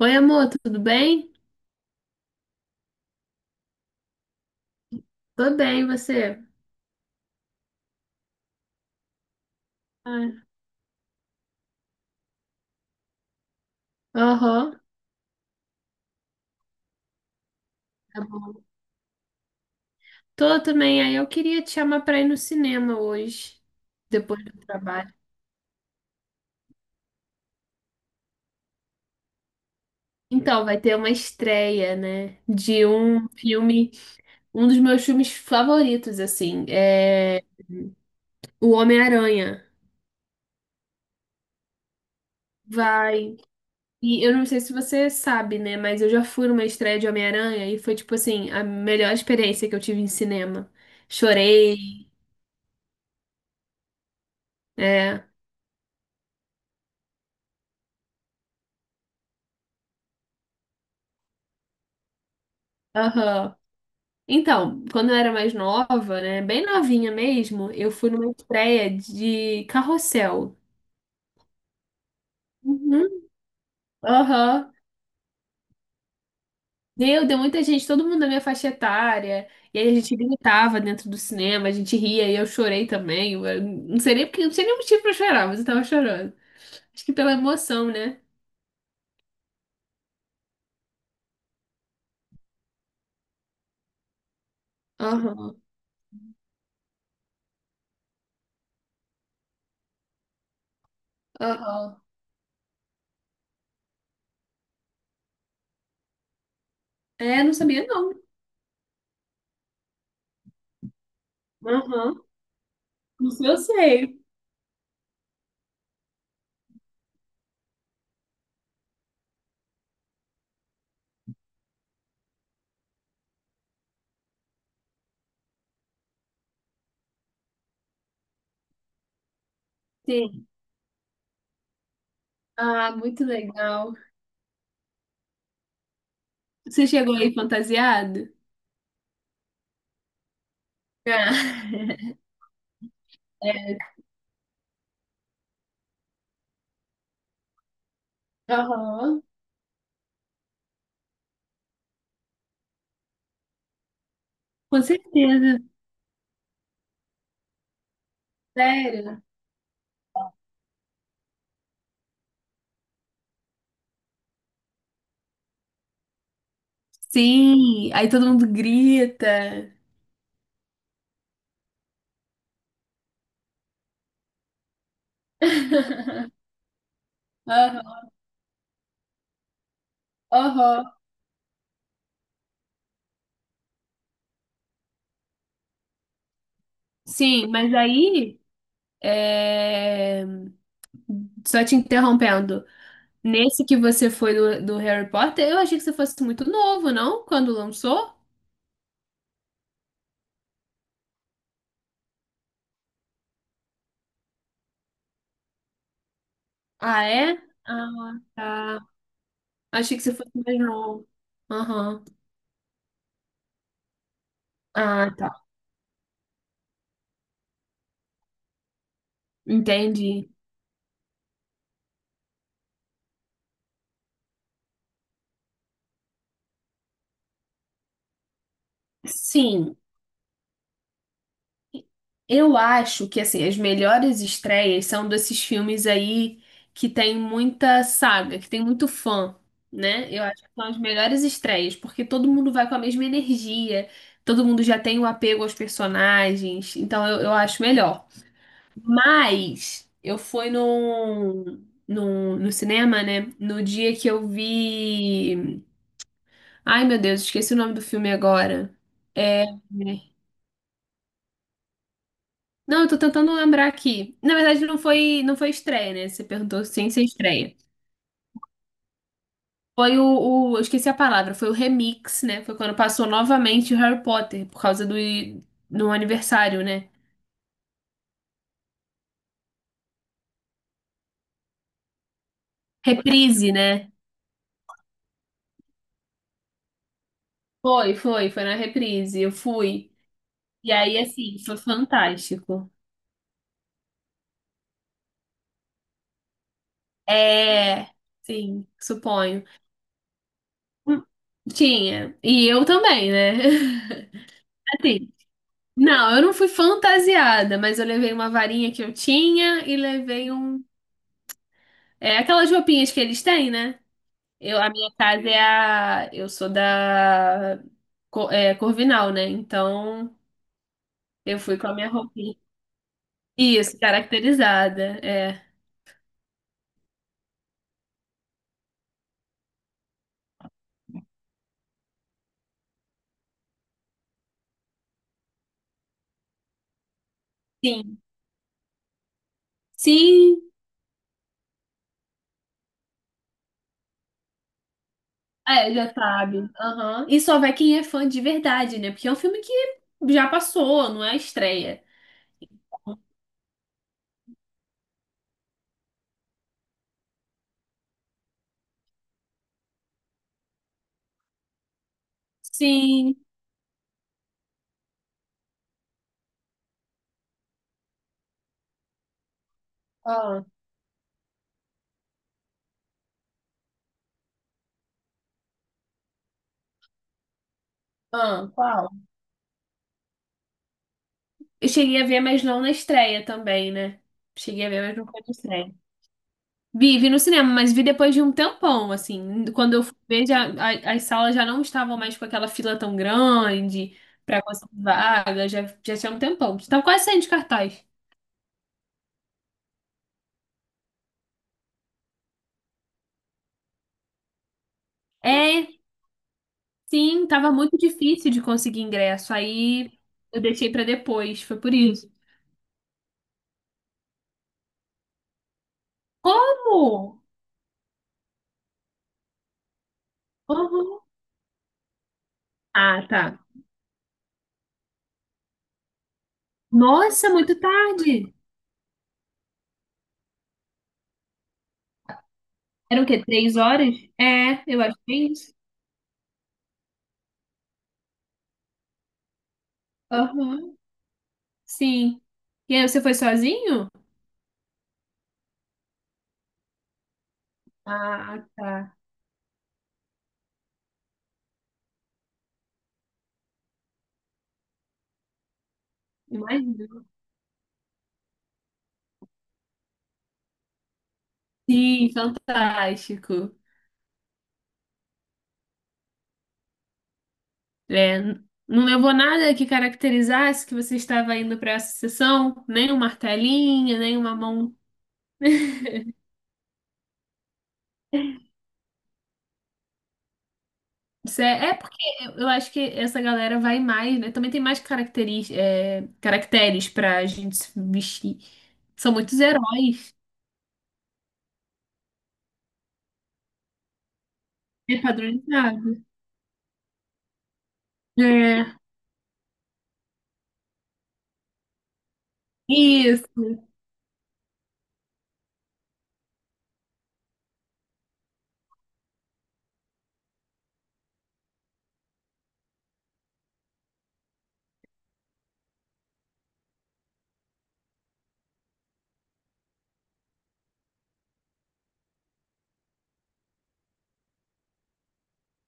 Oi, amor, tudo bem? Tô bem, e você? Ah. Aham. Tá bom. Tô também. Aí eu queria te chamar pra ir no cinema hoje, depois do trabalho. Então, vai ter uma estreia, né? De um filme, um dos meus filmes favoritos, assim, é O Homem-Aranha. Vai. E eu não sei se você sabe, né? Mas eu já fui numa estreia de Homem-Aranha e foi, tipo assim, a melhor experiência que eu tive em cinema. Chorei, é. Aham. Então, quando eu era mais nova, né, bem novinha mesmo, eu fui numa estreia de Carrossel. Uhum. Aham. Meu, deu muita gente, todo mundo da minha faixa etária. E aí a gente gritava dentro do cinema, a gente ria e eu chorei também. Eu não sei nem porque, não sei nem o motivo pra chorar, mas eu tava chorando. Acho que pela emoção, né? Aham. Aham. É, não sabia não. Aham. Isso eu sei. Sim. Ah, muito legal. Você chegou aí fantasiado? Ah. Aham. Com certeza. Sério? Sim, aí todo mundo grita. Aham. Aham. Sim, mas aí, é, só te interrompendo, nesse que você foi do Harry Potter, eu achei que você fosse muito novo, não? Quando lançou? Ah, é? Ah, tá. Achei que você fosse mais novo. Aham. Ah, tá. Entendi. Sim. Eu acho que assim, as melhores estreias são desses filmes aí que tem muita saga, que tem muito fã, né? Eu acho que são as melhores estreias, porque todo mundo vai com a mesma energia, todo mundo já tem o apego aos personagens, então eu acho melhor. Mas eu fui no cinema, né? No dia que eu vi. Ai, meu Deus, esqueci o nome do filme agora. É. Não, eu tô tentando lembrar aqui. Na verdade, não foi, não foi estreia, né? Você perguntou sem ser estreia. Foi o, eu esqueci a palavra, foi o remix, né? Foi quando passou novamente o Harry Potter, por causa do aniversário, né? Reprise, né? Foi, foi, foi na reprise. Eu fui. E aí, assim, foi fantástico. É, sim, suponho. Hum. Tinha. E eu também, né? Assim, não, eu não fui fantasiada, mas eu levei uma varinha que eu tinha e levei um É aquelas roupinhas que eles têm, né? Eu, a minha casa é a. Eu sou da Corvinal, né? Então eu fui com a minha roupinha. Isso, caracterizada. É. Sim. Sim. É, já sabe. Aham. E só vai quem é fã de verdade, né? Porque é um filme que já passou, não é a estreia. Sim. Ah, ah, qual? Eu cheguei a ver, mas não na estreia também, né? Cheguei a ver, mas não foi na estreia. Vi, vi no cinema, mas vi depois de um tempão, assim. Quando eu fui ver, já, as salas já não estavam mais com aquela fila tão grande pra conseguir vaga, já, já tinha um tempão. Tava quase saindo de cartaz. É, sim, tava muito difícil de conseguir ingresso, aí eu deixei pra depois, foi por isso. Como? Como? Ah, tá. Nossa, muito tarde. Eram o quê? 3 horas? É, eu acho que é isso. Aham, sim. E aí, você foi sozinho? Ah, tá. Imagino. Sim, fantástico. É, não levou nada que caracterizasse que você estava indo para essa sessão, nem um martelinho, nem uma mão. Isso É porque eu acho que essa galera vai mais, né? Também tem mais caracteres pra gente se vestir. São muitos heróis. É padronizado. É, isso.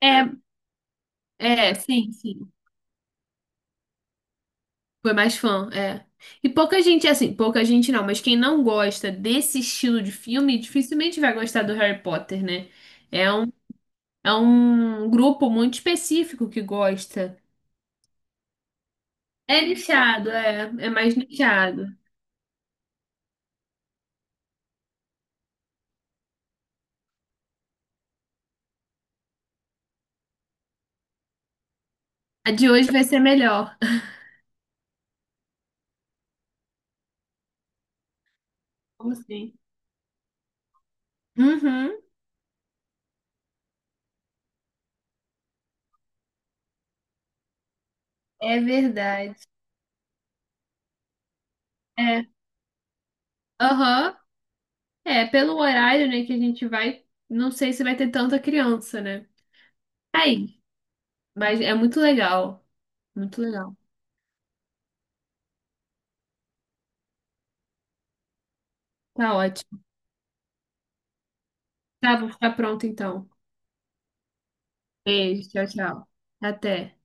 É, sim, sim. Foi mais fã, é. E pouca gente, assim, pouca gente não, mas quem não gosta desse estilo de filme dificilmente vai gostar do Harry Potter, né? É um, é um grupo muito específico que gosta. É nichado, é. É mais nichado. A de hoje vai ser melhor. Como assim? Uhum, é verdade. É. Aham. É, pelo horário, né, que a gente vai, não sei se vai ter tanta criança, né? Aí, mas é muito legal. Muito legal. Tá ótimo. Tá, vou ficar pronto então. Beijo, tchau, tchau. Até.